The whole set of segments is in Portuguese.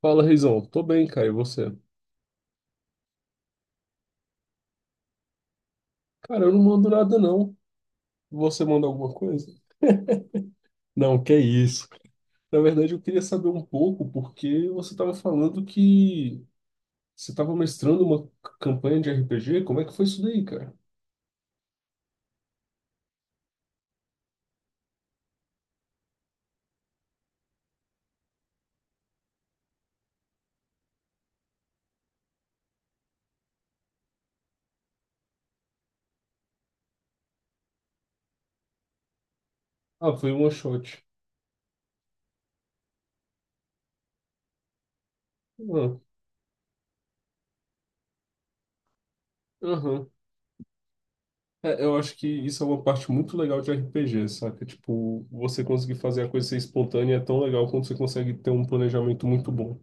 Fala, Reizão. Tô bem, cara. E você? Cara, eu não mando nada, não. Você manda alguma coisa? Não, que isso. Na verdade, eu queria saber um pouco, porque você estava falando que você estava mestrando uma c- campanha de RPG. Como é que foi isso daí, cara? Ah, foi um one shot. Ah, aham. É, eu acho que isso é uma parte muito legal de RPG, saca? Tipo, você conseguir fazer a coisa ser espontânea é tão legal quanto você consegue ter um planejamento muito bom.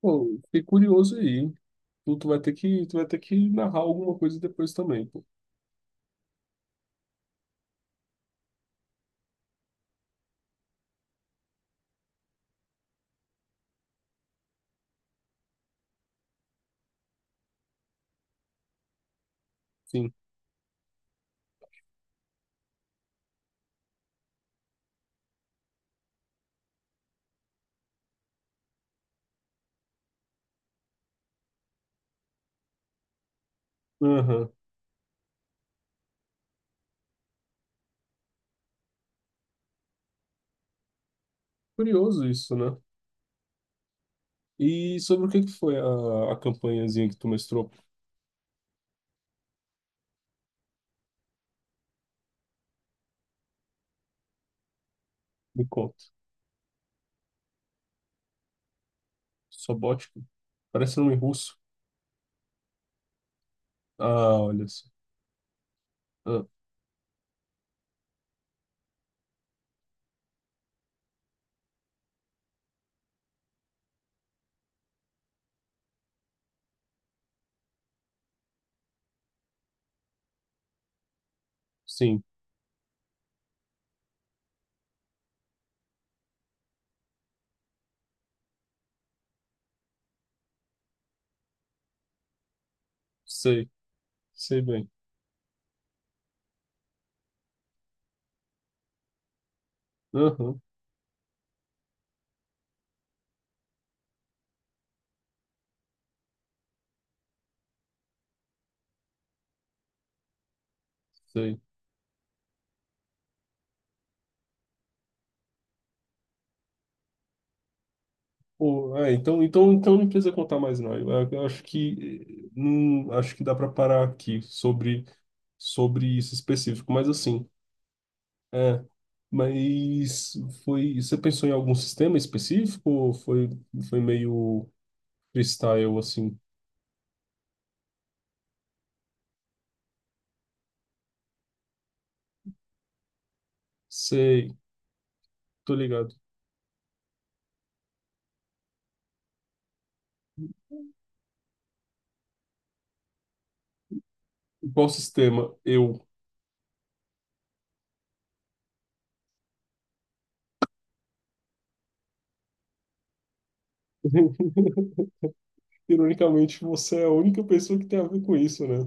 Pô, fiquei curioso aí. Tu, tu vai ter que, tu vai ter que narrar alguma coisa depois também, pô. Sim. Aham. Curioso isso, né? E sobre o que que foi a campanhazinha que tu mestrou? Me conta. Sobótica? Parece nome russo. Ah, olha só. Ah, sim, sei. Sei bem. Aham, sei. Pô, é, então não precisa contar mais, não. Eu acho que, eh, não, acho que dá para parar aqui sobre, sobre isso específico. Mas assim, é, mas foi. Você pensou em algum sistema específico ou foi, foi meio freestyle assim? Sei, tô ligado. Qual sistema? Eu. Ironicamente, você é a única pessoa que tem a ver com isso, né?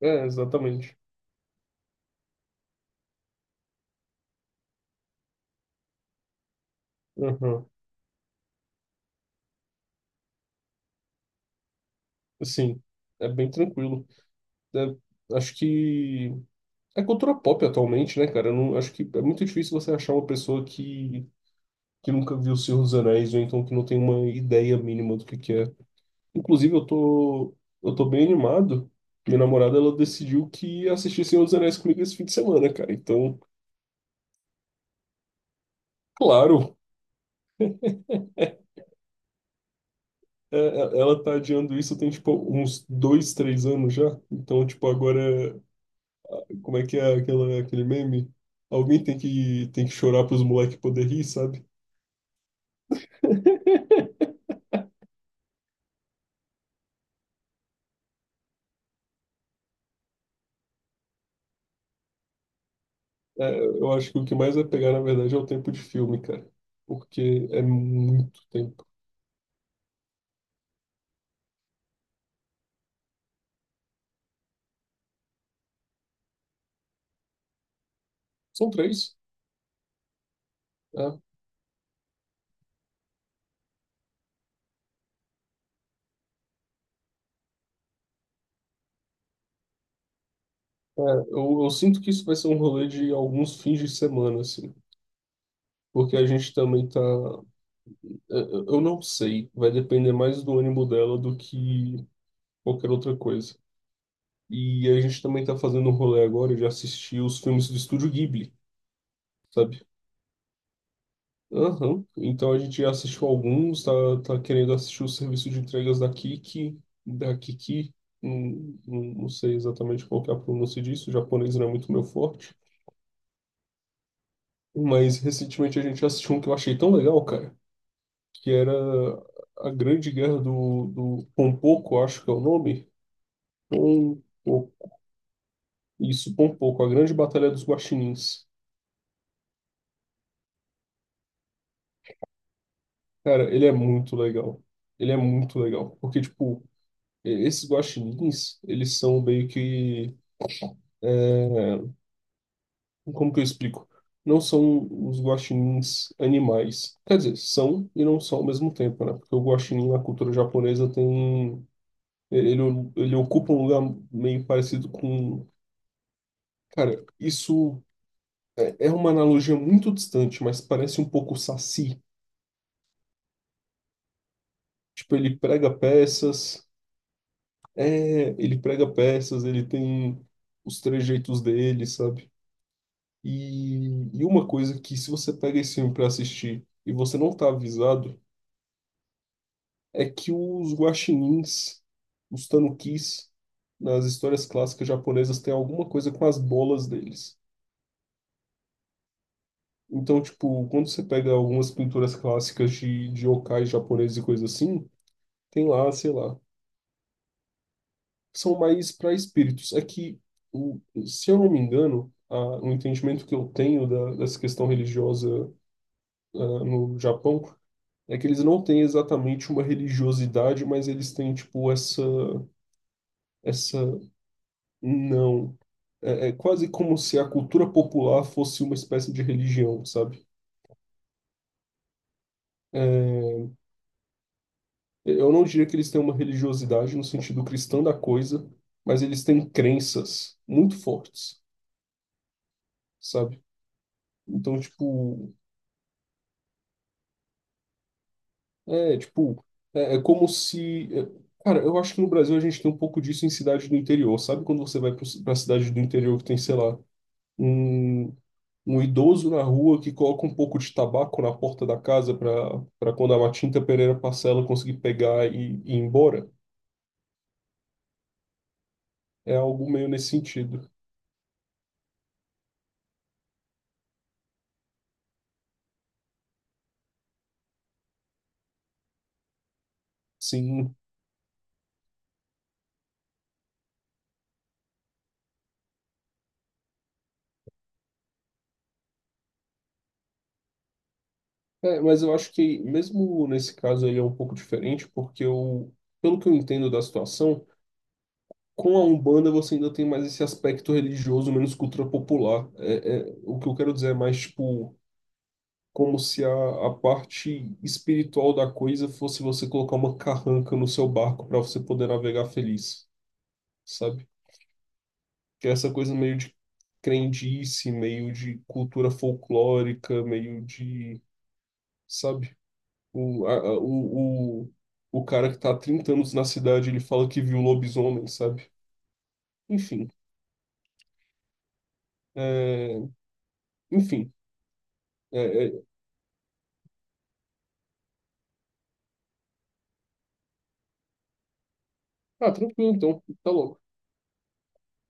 É, exatamente. Uhum. Assim, é bem tranquilo. É, acho que é cultura pop atualmente, né, cara? Eu não, acho que é muito difícil você achar uma pessoa que nunca viu o Senhor dos Anéis ou então que não tem uma ideia mínima do que é. Inclusive, eu tô bem animado. Minha namorada, ela decidiu que ia assistir Senhor dos Anéis comigo esse fim de semana, cara. Então, claro, ela tá adiando isso tem, tipo, uns dois, três anos já. Então, tipo, agora, como é que é aquela, aquele meme? Alguém tem que chorar pros moleques poder rir, sabe? É, eu acho que o que mais vai pegar, na verdade, é o tempo de filme, cara. Porque é muito tempo. São três, né? É, eu sinto que isso vai ser um rolê de alguns fins de semana, assim. Porque a gente também tá. Eu não sei, vai depender mais do ânimo dela do que qualquer outra coisa. E a gente também tá fazendo um rolê agora de assistir os filmes do Estúdio Ghibli, sabe? Aham. Então a gente já assistiu alguns, tá, tá querendo assistir o serviço de entregas da Kiki. Não sei exatamente qual que é a pronúncia disso, o japonês não é muito meu forte. Mas recentemente a gente assistiu um que eu achei tão legal, cara. Que era a Grande Guerra do, do Pompoco, acho que é o nome. Pompoco. Isso, Pompoco, a Grande Batalha dos Guaxinins. Cara, ele é muito legal. Ele é muito legal. Porque, tipo, esses guaxinins, eles são meio que. É, como que eu explico? Não são os guaxinins animais. Quer dizer, são e não são ao mesmo tempo, né? Porque o guaxinim na cultura japonesa tem. Ele, ele ocupa um lugar meio parecido com. Cara, isso é, é uma analogia muito distante, mas parece um pouco o Saci. Tipo, ele prega peças, é, ele prega peças, ele tem os trejeitos dele, sabe? E, e uma coisa que se você pega esse filme pra assistir e você não tá avisado, é que os guaxinins, os tanukis, nas histórias clássicas japonesas têm alguma coisa com as bolas deles. Então, tipo, quando você pega algumas pinturas clássicas de yokai japoneses e coisa assim, tem lá, sei lá, são mais para espíritos. É que, o- se eu não me engano, a, o entendimento que eu tenho da, dessa questão religiosa, ah, no Japão é que eles não têm exatamente uma religiosidade, mas eles têm, tipo, essa, não. É, é quase como se a cultura popular fosse uma espécie de religião, sabe? É, eu não diria que eles têm uma religiosidade no sentido cristão da coisa, mas eles têm crenças muito fortes, sabe? Então, tipo, é, tipo, é, é como se. É, cara, eu acho que no Brasil a gente tem um pouco disso em cidades do interior. Sabe quando você vai pra cidade do interior que tem, sei lá, um, um idoso na rua que coloca um pouco de tabaco na porta da casa pra, pra quando a Matinta Pereira Parcela conseguir pegar e ir embora? É algo meio nesse sentido. Sim. É, mas eu acho que mesmo nesse caso ele é um pouco diferente, porque eu, pelo que eu entendo da situação. Com a Umbanda você ainda tem mais esse aspecto religioso, menos cultura popular. É, o que eu quero dizer é mais, tipo, como se a, a parte espiritual da coisa fosse você colocar uma carranca no seu barco para você poder navegar feliz, sabe? Que é essa coisa meio de crendice, meio de cultura folclórica, meio de, sabe? O, o cara que tá há 30 anos na cidade, ele fala que viu lobisomem, sabe? Enfim, é, enfim. É, é, ah, tranquilo, então. Tá louco.